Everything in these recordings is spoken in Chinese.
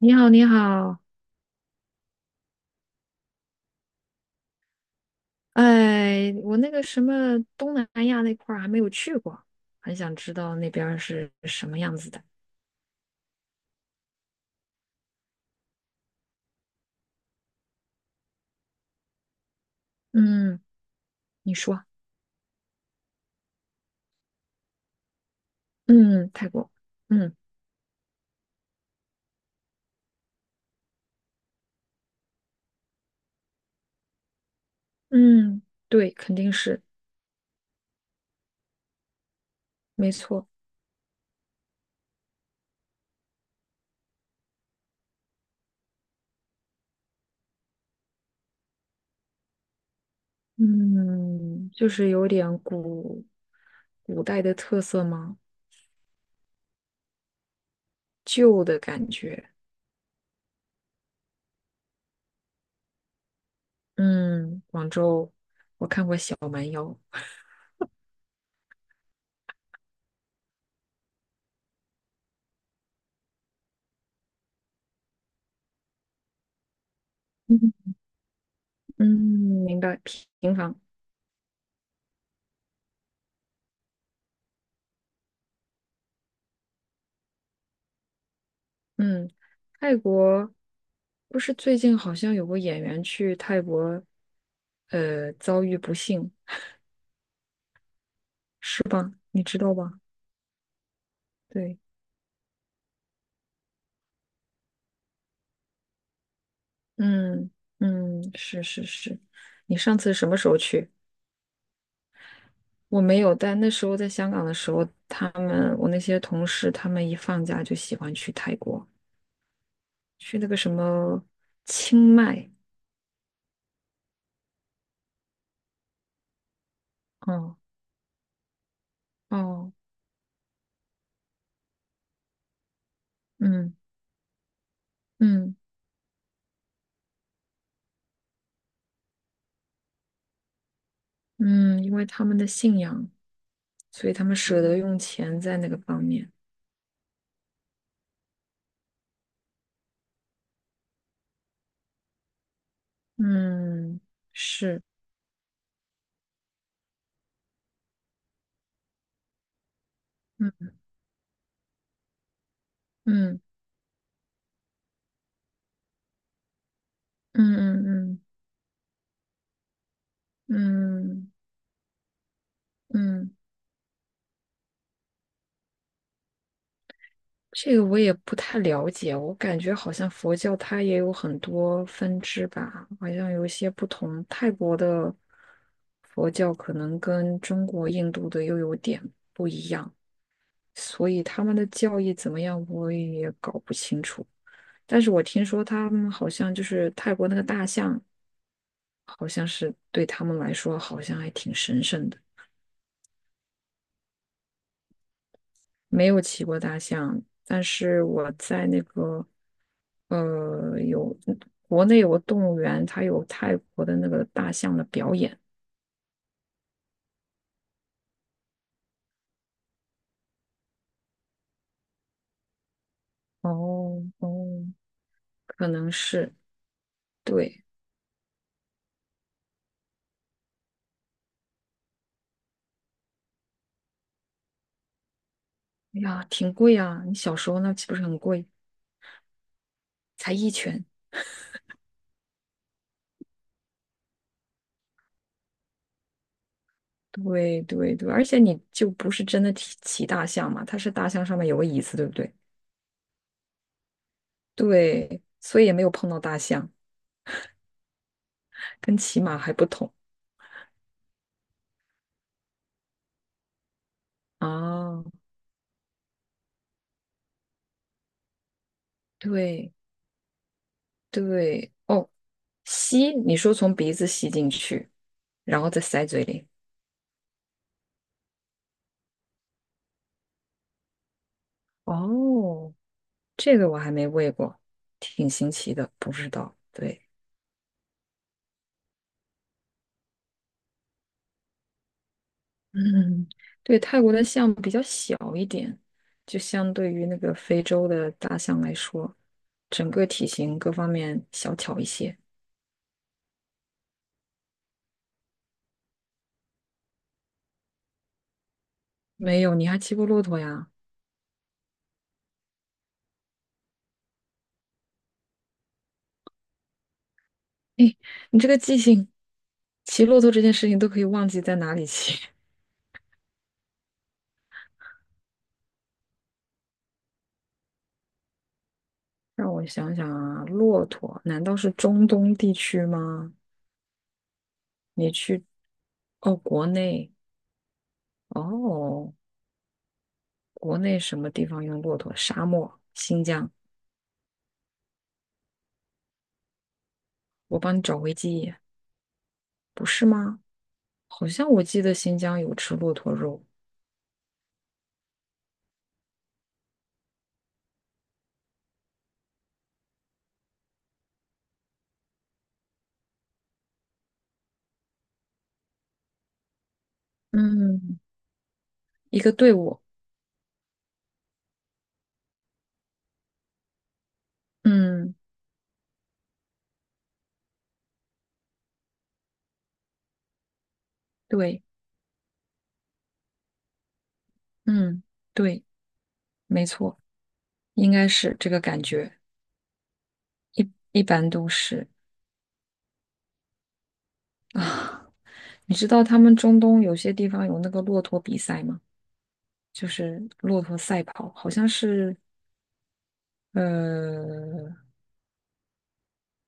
你好，你好。哎，我那个什么东南亚那块儿还没有去过，很想知道那边儿是什么样子的。嗯，你说。嗯，泰国。嗯嗯，对，肯定是。没错。嗯，就是有点古代的特色吗？旧的感觉。嗯，广州，我看过小蛮腰。嗯嗯，明白，平房。嗯，泰国不是最近好像有个演员去泰国，遭遇不幸，是吧？你知道吧？对，嗯嗯，是是是。你上次什么时候去？我没有，但那时候在香港的时候，我那些同事，他们一放假就喜欢去泰国，去那个什么清迈。哦哦。嗯嗯嗯，因为他们的信仰，所以他们舍得用钱在那个方面。嗯，是。嗯嗯嗯嗯嗯嗯嗯。这个我也不太了解，我感觉好像佛教它也有很多分支吧，好像有一些不同。泰国的佛教可能跟中国、印度的又有点，所以他们的教义怎么样，我也搞不清楚。但是我听说他们好像就是泰国那个大象，好像是对他们来说好像还挺神圣的。没有骑过大象，但是我在那个呃有国内有个动物园，它有泰国的那个大象的表演。哦哦，可能是。对。哎呀，挺贵啊！你小时候那岂不是很贵？才一拳。对对对，而且你就不是真的骑大象嘛，它是大象上面有个椅子，对不对？对，所以也没有碰到大象，跟骑马还不同啊。对，对。哦，吸，你说从鼻子吸进去，然后再塞嘴里。哦，这个我还没喂过，挺新奇的，不知道。对 嗯，对。泰国的象比较小一点，就相对于那个非洲的大象来说，整个体型各方面小巧一些。没有，你还骑过骆驼呀？诶，你这个记性，骑骆驼这件事情都可以忘记在哪里骑。让我想想啊，骆驼难道是中东地区吗？你去。哦，国内。哦，国内什么地方用骆驼？沙漠，新疆。我帮你找回记忆。不是吗？好像我记得新疆有吃骆驼肉。嗯，一个队伍。嗯，对，嗯，对，没错，应该是这个感觉。一般都是。啊，你知道他们中东有些地方有那个骆驼比赛吗？就是骆驼赛跑，好像是呃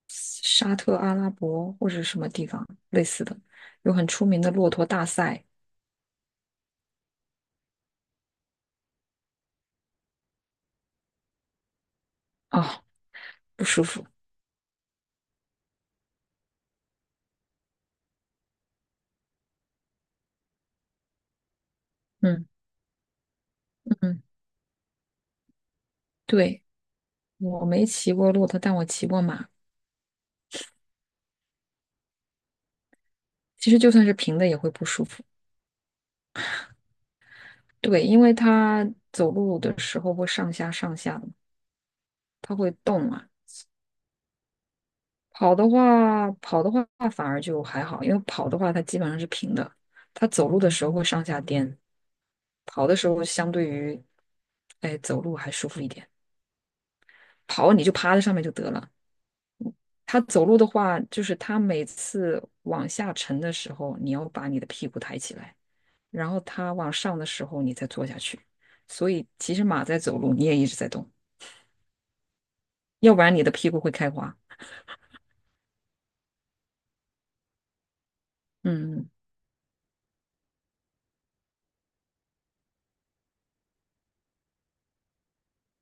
沙特阿拉伯或者什么地方类似的，有很出名的骆驼大赛。啊，不舒服。嗯嗯，对，我没骑过骆驼，但我骑过马。其实就算是平的也会不舒服。对，因为它走路的时候会上下上下的，它会动嘛。跑的话,反而就还好，因为跑的话它基本上是平的，它走路的时候会上下颠。跑的时候相对于，哎，走路还舒服一点。跑你就趴在上面就得了。它走路的话，就是它每次往下沉的时候，你要把你的屁股抬起来，然后它往上的时候，你再坐下去。所以其实马在走路，你也一直在动，要不然你的屁股会开花。嗯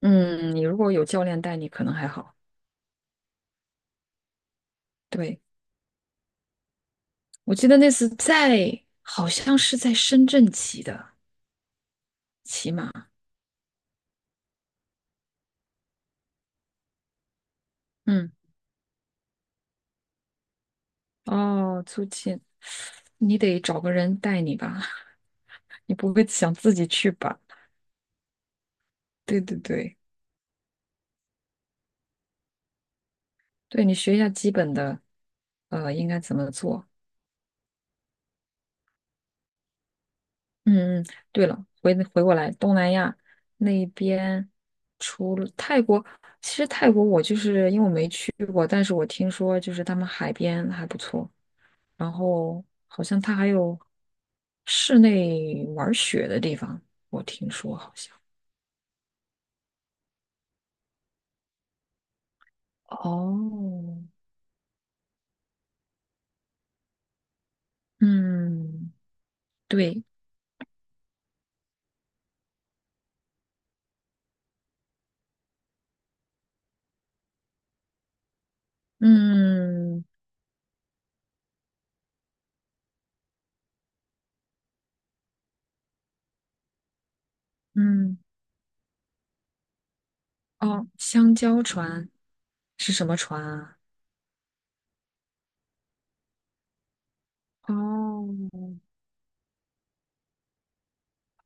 嗯，你如果有教练带你，可能还好。对，我记得那次在，好像是在深圳骑的，骑马。嗯。哦，租借，你得找个人带你吧？你不会想自己去吧？对对对，对你学一下基本的，应该怎么做？嗯嗯。对了，回过来，东南亚那边除了泰国，其实泰国我就是因为我没去过，但是我听说就是他们海边还不错，然后好像它还有室内玩雪的地方，我听说好像。哦，嗯，对，嗯嗯。哦，香蕉船是什么船啊？哦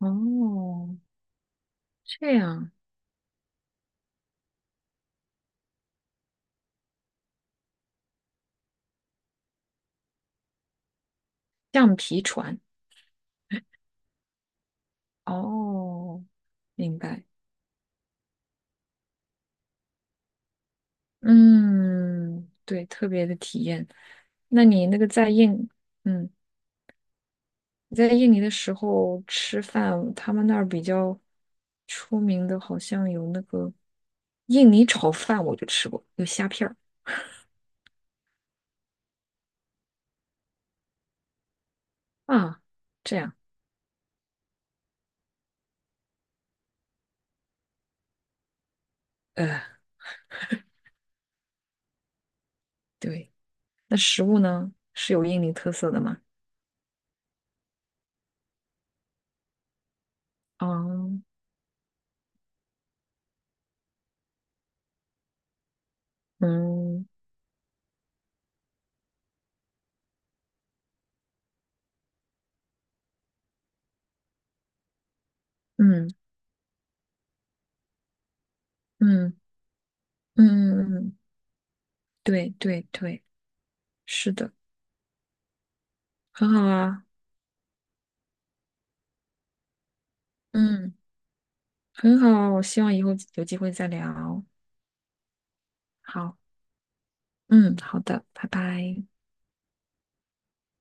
哦，这样，橡皮船。哦，明白。嗯，对，特别的体验。那你那个在印，嗯，你在印尼的时候吃饭，他们那儿比较出名的，好像有那个印尼炒饭，我就吃过，有虾片儿。啊，这样。呃。对，那食物呢是有印尼特色的吗？哦，嗯嗯嗯嗯嗯，嗯，对对对，是的。很好啊，嗯，很好啊，我希望以后有机会再聊。好，嗯，好的，拜拜。